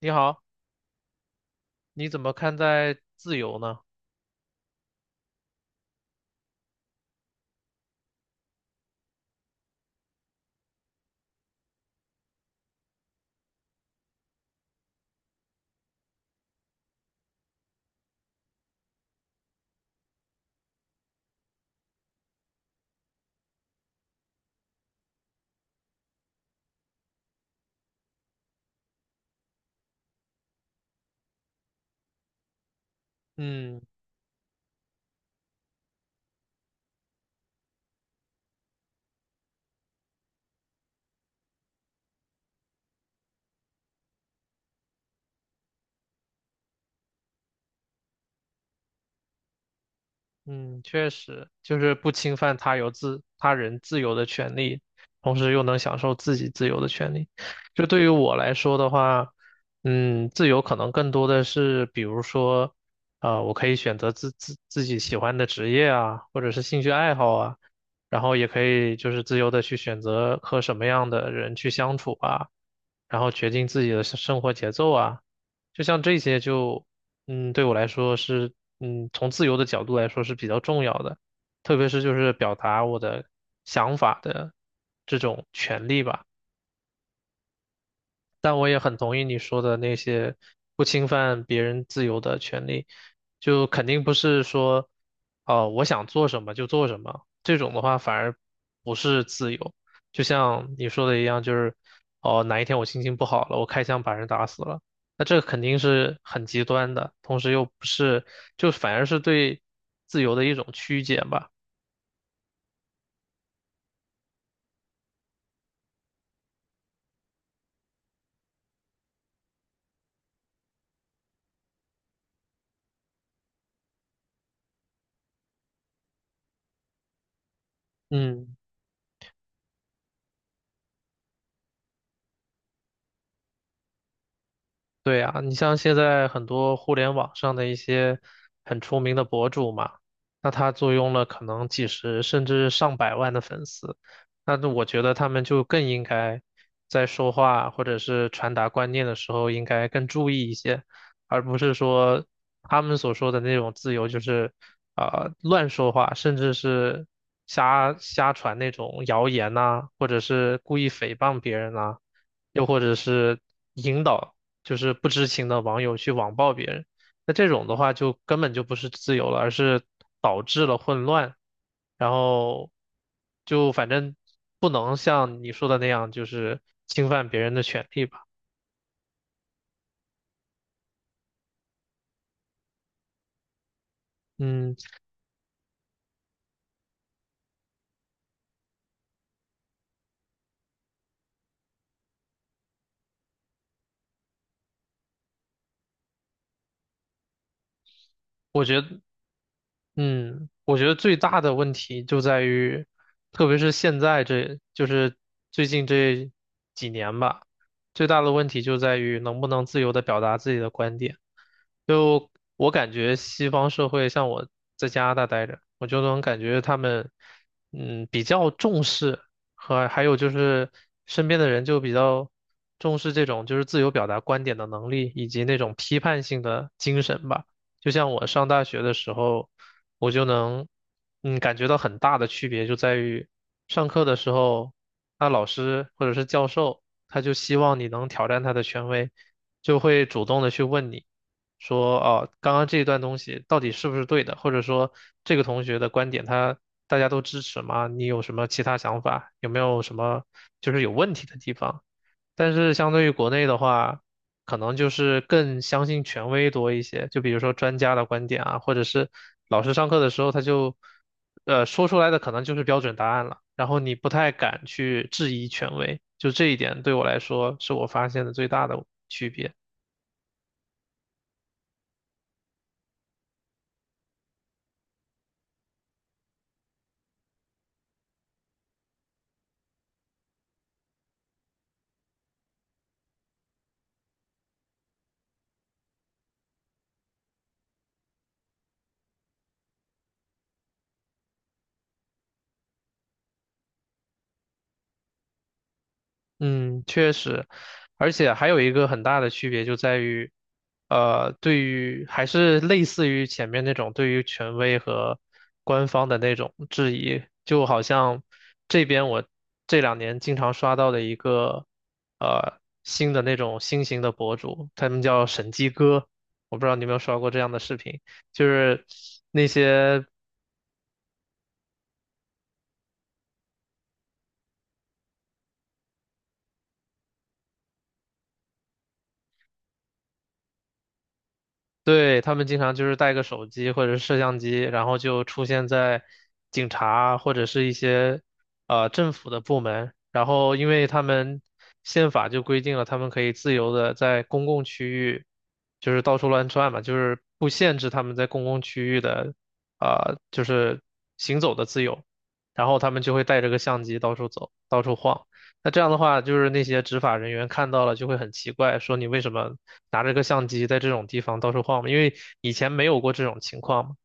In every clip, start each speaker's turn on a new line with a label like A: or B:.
A: 你好，你怎么看待自由呢？嗯嗯，确实，就是不侵犯他人自由的权利，同时又能享受自己自由的权利。就对于我来说的话，自由可能更多的是，比如说，我可以选择自己喜欢的职业啊，或者是兴趣爱好啊，然后也可以就是自由的去选择和什么样的人去相处啊，然后决定自己的生活节奏啊。就像这些，对我来说是，从自由的角度来说是比较重要的，特别是就是表达我的想法的这种权利吧。但我也很同意你说的那些不侵犯别人自由的权利，就肯定不是说，哦，我想做什么就做什么，这种的话反而不是自由。就像你说的一样，就是哦，哪一天我心情不好了，我开枪把人打死了，那这肯定是很极端的，同时又不是，就反而是对自由的一种曲解吧。嗯。对啊，你像现在很多互联网上的一些很出名的博主嘛，那他坐拥了可能几十甚至上百万的粉丝，那我觉得他们就更应该在说话或者是传达观念的时候，应该更注意一些，而不是说他们所说的那种自由，就是乱说话，甚至是瞎传那种谣言呐，或者是故意诽谤别人呐，又或者是，引导，就是不知情的网友去网暴别人，那这种的话就根本就不是自由了，而是导致了混乱，然后就反正不能像你说的那样，就是侵犯别人的权利吧。嗯，我觉得。嗯，我觉得最大的问题就在于，特别是现在这，就是最近这几年吧，最大的问题就在于能不能自由的表达自己的观点。就我感觉西方社会，像我在加拿大待着，我就能感觉他们，比较重视和还有就是身边的人就比较重视这种就是自由表达观点的能力以及那种批判性的精神吧。就像我上大学的时候，我就能，感觉到很大的区别就在于，上课的时候，那老师或者是教授，他就希望你能挑战他的权威，就会主动的去问你，说，哦，刚刚这一段东西到底是不是对的，或者说这个同学的观点大家都支持吗？你有什么其他想法？有没有什么就是有问题的地方？但是相对于国内的话，可能就是更相信权威多一些，就比如说专家的观点啊，或者是老师上课的时候他就，说出来的可能就是标准答案了，然后你不太敢去质疑权威，就这一点对我来说是我发现的最大的区别。嗯，确实，而且还有一个很大的区别就在于，对于还是类似于前面那种对于权威和官方的那种质疑，就好像这边我这两年经常刷到的一个新的那种新型的博主，他们叫审计哥，我不知道你有没有刷过这样的视频，就是那些。对，他们经常就是带个手机或者是摄像机，然后就出现在警察或者是一些政府的部门，然后因为他们宪法就规定了，他们可以自由的在公共区域就是到处乱窜嘛，就是不限制他们在公共区域的就是行走的自由，然后他们就会带着个相机到处走，到处晃。那这样的话，就是那些执法人员看到了就会很奇怪，说你为什么拿着个相机在这种地方到处晃嘛？因为以前没有过这种情况嘛。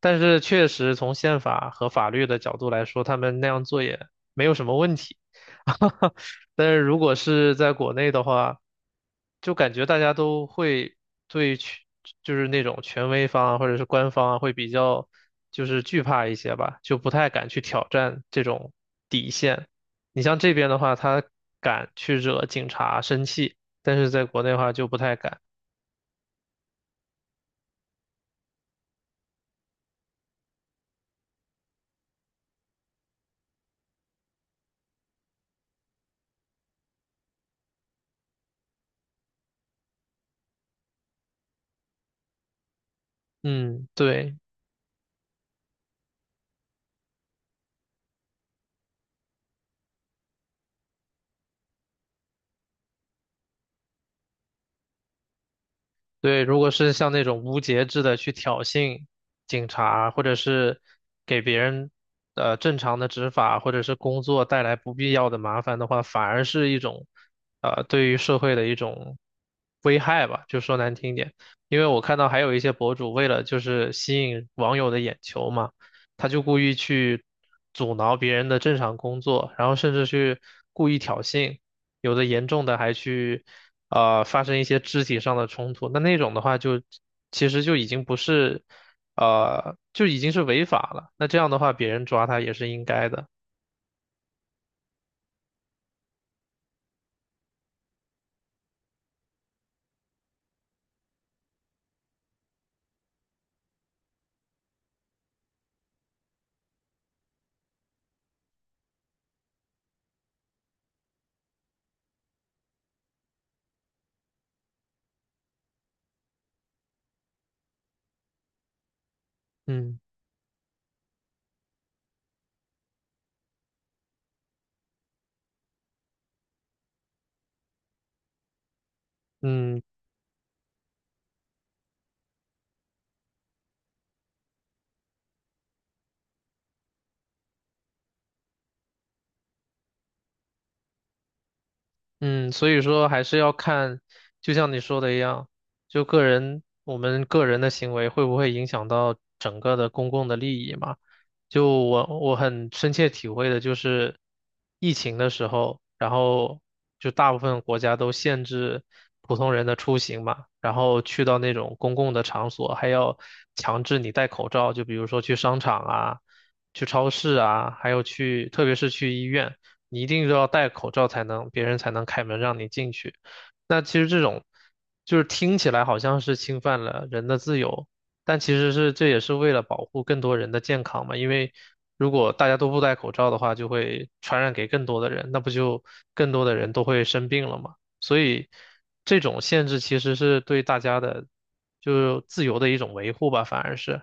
A: 但是确实从宪法和法律的角度来说，他们那样做也没有什么问题。但是如果是在国内的话，就感觉大家都会对权，就是那种权威方啊，或者是官方啊，会比较就是惧怕一些吧，就不太敢去挑战这种底线。你像这边的话，他敢去惹警察生气，但是在国内的话就不太敢。嗯，对。对，如果是像那种无节制的去挑衅警察，或者是给别人正常的执法或者是工作带来不必要的麻烦的话，反而是一种对于社会的一种危害吧，就说难听点。因为我看到还有一些博主为了就是吸引网友的眼球嘛，他就故意去阻挠别人的正常工作，然后甚至去故意挑衅。有的严重的还去发生一些肢体上的冲突，那种的话就其实就已经不是就已经是违法了，那这样的话别人抓他也是应该的，嗯嗯。嗯，所以说还是要看，就像你说的一样，就个人，我们个人的行为会不会影响到整个的公共的利益嘛？就我很深切体会的就是疫情的时候，然后就大部分国家都限制普通人的出行嘛，然后去到那种公共的场所还要强制你戴口罩，就比如说去商场啊、去超市啊，还有去，特别是去医院。你一定就要戴口罩才能，别人才能开门让你进去。那其实这种就是听起来好像是侵犯了人的自由，但其实是这也是为了保护更多人的健康嘛。因为如果大家都不戴口罩的话，就会传染给更多的人，那不就更多的人都会生病了嘛。所以这种限制其实是对大家的就自由的一种维护吧，反而是。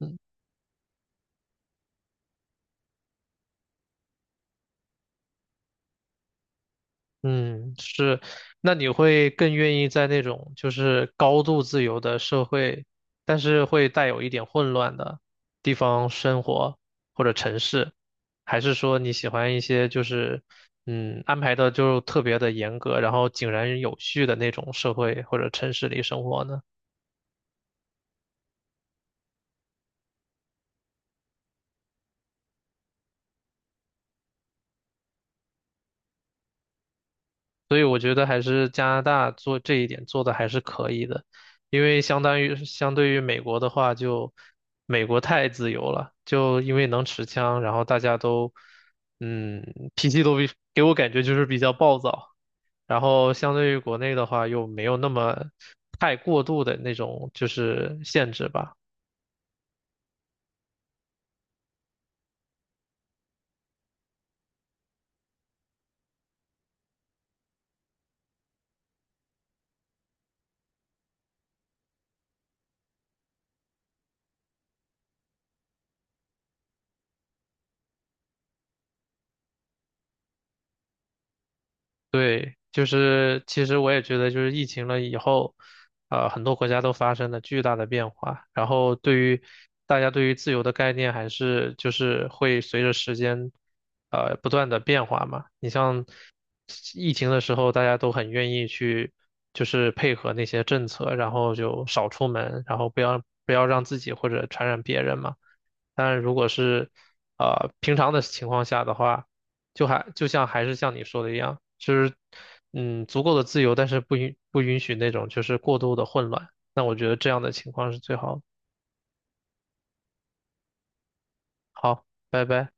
A: 嗯。嗯，是，那你会更愿意在那种就是高度自由的社会，但是会带有一点混乱的地方生活或者城市，还是说你喜欢一些就是安排的就特别的严格，然后井然有序的那种社会或者城市里生活呢？所以我觉得还是加拿大做这一点做的还是可以的，因为相对于美国的话就，美国太自由了，就因为能持枪，然后大家都，脾气都给我感觉就是比较暴躁，然后相对于国内的话又没有那么太过度的那种就是限制吧。对，就是其实我也觉得，就是疫情了以后，很多国家都发生了巨大的变化，然后大家对于自由的概念，还是就是会随着时间，不断的变化嘛。你像疫情的时候，大家都很愿意去，就是配合那些政策，然后就少出门，然后不要让自己或者传染别人嘛。但是如果是平常的情况下的话，就还就像还是像你说的一样，就是足够的自由，但是不允许那种就是过度的混乱。那我觉得这样的情况是最好的。好，拜拜。